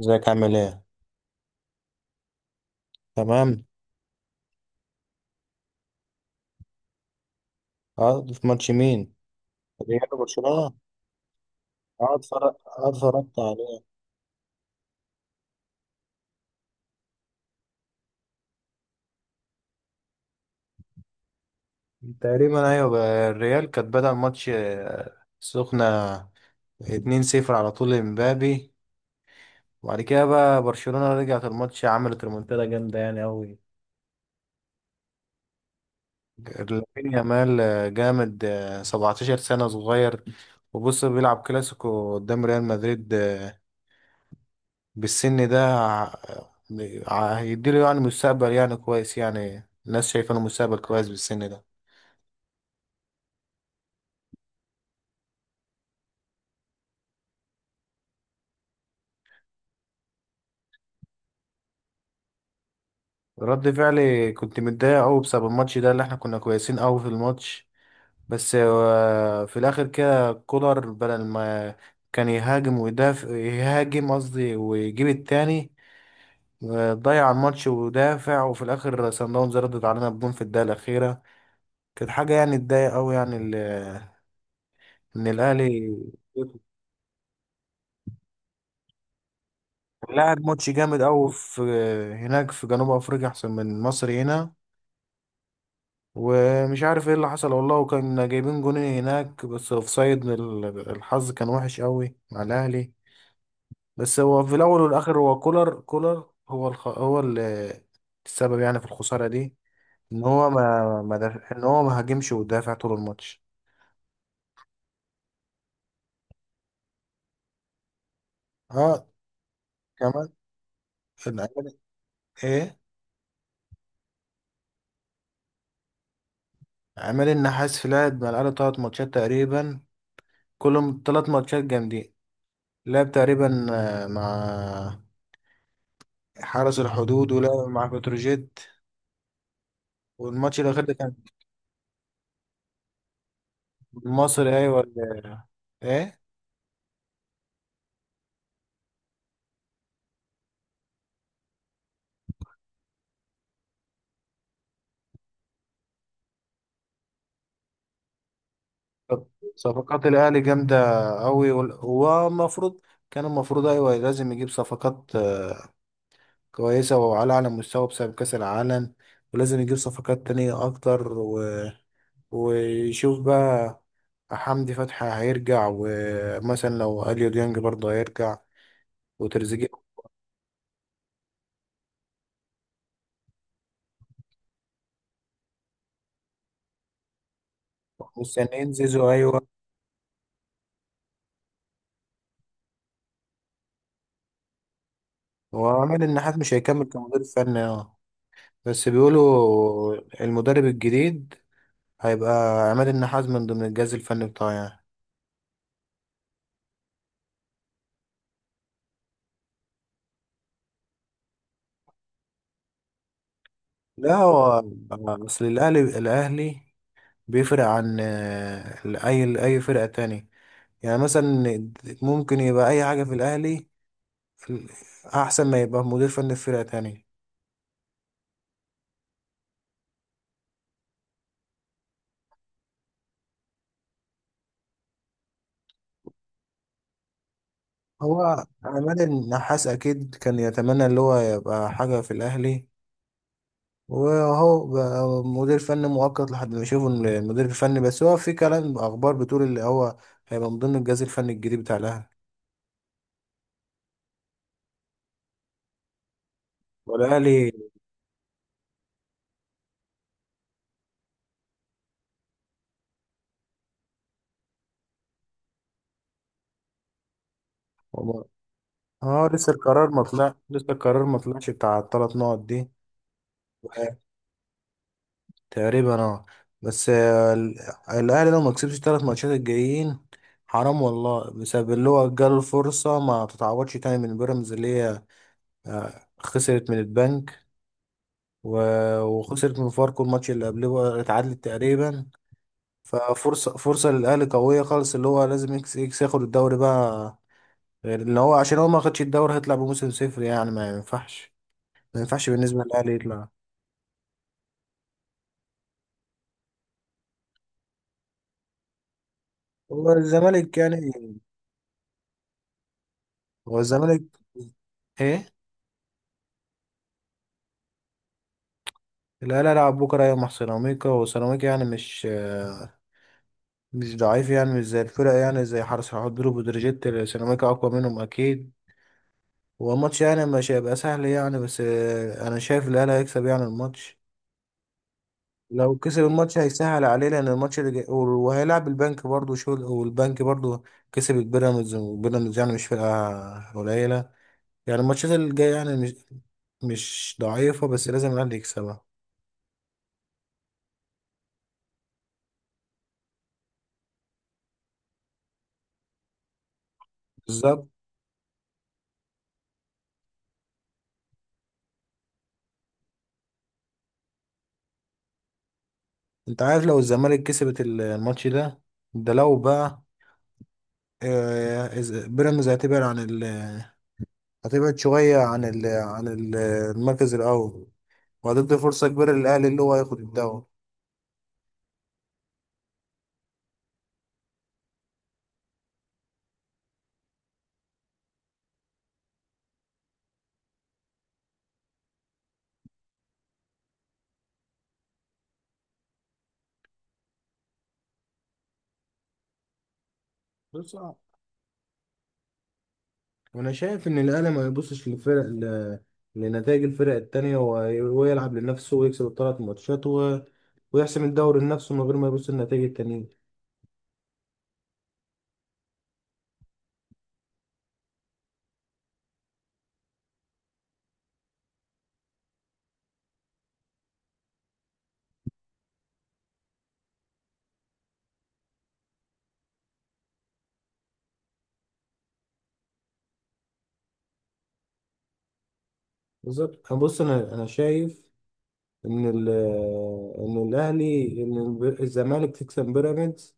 ازيك عامل ايه؟ تمام. اه، في ماتش مين؟ الريال وبرشلونة؟ اه، اتفرج. اه، اتفرجت عليه. تقريبا، ايوه بقى. الريال كانت بدأ الماتش، سخنة، 2-0 على طول لمبابي. وبعد كده بقى برشلونة رجعت الماتش، عملت ريمونتادا جامدة يعني أوي. لامين يامال جامد، 17 سنة، صغير. وبص بيلعب كلاسيكو قدام ريال مدريد. بالسن ده هيديله يعني مستقبل يعني كويس، يعني الناس شايفه انه مستقبل كويس بالسن ده. رد فعلي كنت متضايق قوي بسبب الماتش ده، اللي احنا كنا كويسين قوي في الماتش. بس في الاخر كده كولر، بدل ما كان يهاجم ويدافع، يهاجم قصدي ويجيب التاني. ضيع الماتش ودافع، وفي الاخر سان داونز ردت علينا بجون في الدقيقه الاخيره. كانت حاجه يعني تضايق قوي، يعني ان الاهلي لاعب ماتش جامد قوي في هناك في جنوب افريقيا، احسن من مصر هنا. ومش عارف ايه اللي حصل والله، وكان جايبين جونين هناك بس اوفسايد. الحظ كان وحش قوي مع الاهلي. بس هو في الاول والاخر هو كولر. كولر هو السبب يعني في الخسارة دي، ان هو ما هاجمش ودافع طول الماتش. اه، كمان. العماد- ايه. عماد النحاس في لعب مع الاهلي 3 ماتشات تقريبا، كلهم 3 ماتشات جامدين. لعب تقريبا مع حرس الحدود، ولعب مع بتروجيت. والماتش الأخير ده كان المصري، أيوة. ولا إيه؟ طب، صفقات الأهلي جامدة أوي. هو المفروض، كان المفروض، أيوة لازم يجيب صفقات كويسة وعلى أعلى مستوى بسبب كأس العالم. ولازم يجيب صفقات تانية أكتر، و... ويشوف بقى. حمدي فتحي هيرجع، ومثلا لو أليو ديانج برضه هيرجع، وتريزيجيه. مستنيين زيزو، أيوة. هو عماد النحات مش هيكمل كمدير فني. اه، بس بيقولوا المدرب الجديد هيبقى عماد النحاس من ضمن الجهاز الفني بتاعه يعني. لا، هو اصل الاهلي، بيفرق عن اي فرقة تاني. يعني مثلا ممكن يبقى اي حاجة في الاهلي، في- احسن ما يبقى مدير فني في فرقة تانية. هو عماد النحاس اكيد كان يتمنى اللي هو يبقى حاجة في الاهلي، وهو بقى مدير فني مؤقت لحد ما يشوفوا المدير الفني. بس هو في كلام اخبار بتقول اللي هو هيبقى من ضمن الجهاز الفني الجديد بتاع الاهلي. والاهلي وما- اه، لسه القرار ما طلعش بتاع ال3 نقط دي. تقريبا، اه. بس الاهلي لو ما كسبش ال3 ماتشات الجايين، حرام والله، بسبب اللي هو جاله الفرصه ما تتعوضش تاني، من بيراميدز اللي هي خسرت من البنك، وخسرت من فاركو. الماتش اللي قبله اتعادلت تقريبا. فرصة للأهلي قوية خالص، اللي هو لازم إكس ياخد الدوري بقى. غير اللي هو، عشان هو ما خدش الدوري هيطلع بموسم صفر يعني، ما ينفعش، ما ينفعش بالنسبة للأهلي يطلع. هو الزمالك يعني. هو الزمالك إيه؟ الأهلي هيلعب بكرة، أيوة، مع سيراميكا. وسيراميكا يعني مش ضعيف، يعني مش زي الفرق، يعني زي حرس حدود وبتروجيت. سيراميكا أقوى منهم أكيد. هو الماتش يعني مش هيبقى سهل يعني، بس أنا شايف الأهلي هيكسب يعني الماتش. لو كسب الماتش هيسهل عليه، لان الماتش اللي جاي وهيلعب البنك برضه شغل. والبنك برضه كسب البيراميدز، وبيراميدز يعني مش فرقة قليلة. يعني الماتشات اللي جاية يعني مش ضعيفة، بس لازم الاهلي يكسبها. بالظبط. انت عارف لو الزمالك كسبت الماتش ده، ده لو بقى بيراميدز هتبعد شوية المركز الأول، وهتدي فرصة كبيرة للأهلي اللي هو هياخد الدوري. وانا شايف ان الاهلي ما يبصش للفرق، لنتائج الفرق التانية، ويلعب لنفسه، ويكسب ال3 ماتشات، و... ويحسم الدوري لنفسه من غير ما يبص للنتائج التانية. بالظبط. انا بص، انا شايف ان ال... ان الاهلي ان الب- الزمالك تكسب بيراميدز.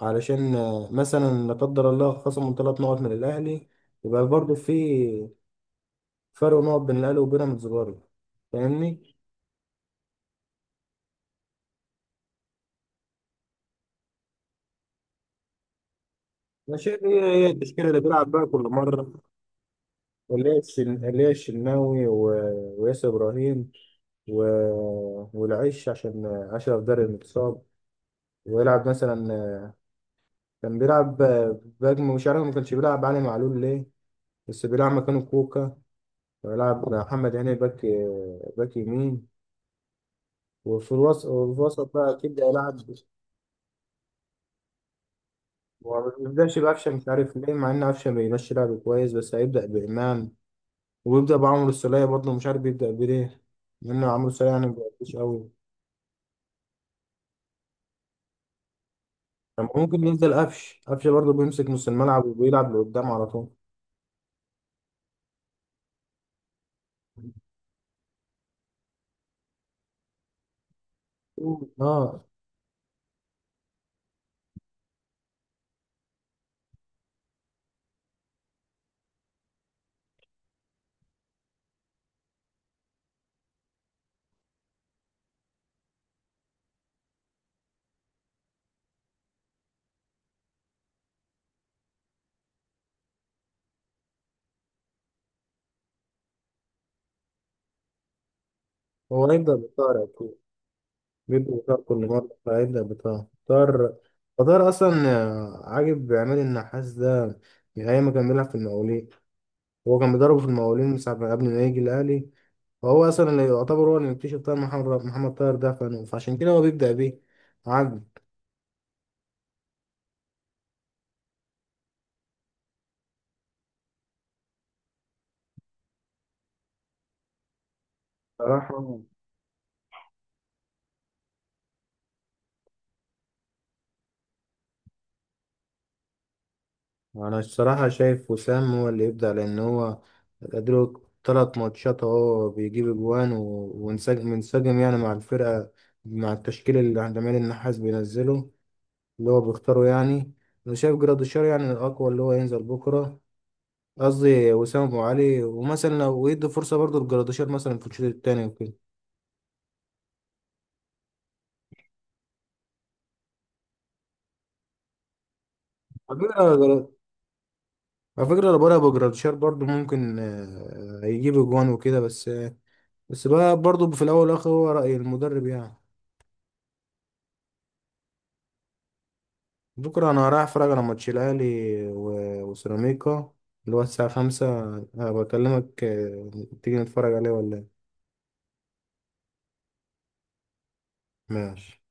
علشان مثلا، لا قدر الله، خصموا 3 نقط من الاهلي، يبقى برضه في فرق نقط بين الاهلي وبيراميدز برضه. فاهمني؟ انا شايف هي التشكيلة اللي بيلعب بيها كل مرة، اللي هي الشناوي، وياسر إبراهيم، و... والعش عشان أشرف داري المتصاب. ويلعب مثلا، كان بيلعب باك، مش عارف ما كانش بيلعب علي معلول ليه، بس بيلعب مكانه كوكا. ويلعب محمد هاني باك، باك يمين. وفي الوسط بقى أكيد هيلعب. وما بيبدأش بقفشة، مش عارف ليه، مع إن قفشة بيمشي لعب كويس، بس هيبدأ بإمام، ويبدأ بعمرو السولية. برضه مش عارف بيبدأ بليه، لأن عمرو السولية يعني ما بيأديش أوي. طب ممكن ينزل قفش، برضه بيمسك نص الملعب وبيلعب لقدام على طول. اه، هو هيبدأ بطار أكيد، بيبدأ بطار كل مرة، فهيبدأ بطار. طار أصلا عاجب عماد النحاس ده من أيام ما كان بيلعب في المقاولين. هو كان بيضربه في المقاولين من ساعة قبل ما يجي الأهلي. فهو أصلا اللي يعتبر هو اللي مكتشف طاهر محمد، طاهر ده. فعشان كده هو بيبدأ بيه. عاجب. صراحة، انا الصراحه شايف وسام هو اللي يبدا، لان هو ادرك 3 ماتشات اهو، بيجيب اجوان، وانسجم، يعني مع الفرقه، مع التشكيل اللي عند عماد النحاس بينزله، اللي هو بيختاره يعني. انا شايف جراديشار يعني الاقوى اللي هو ينزل بكره، قصدي وسام ابو علي. ومثلا لو يدي فرصه برضه لجراديشار مثلا في الشوط الثاني وكده. على فكره، لو بقى جراديشار برضه ممكن يجيب اجوان وكده. بس بقى، برضه في الاول والاخر، هو راي المدرب يعني. بكرة أنا رايح أتفرج على ماتش الأهلي وسيراميكا، اللي هو الساعة 5. بكلمك، تيجي نتفرج عليه ولا إيه؟ ماشي.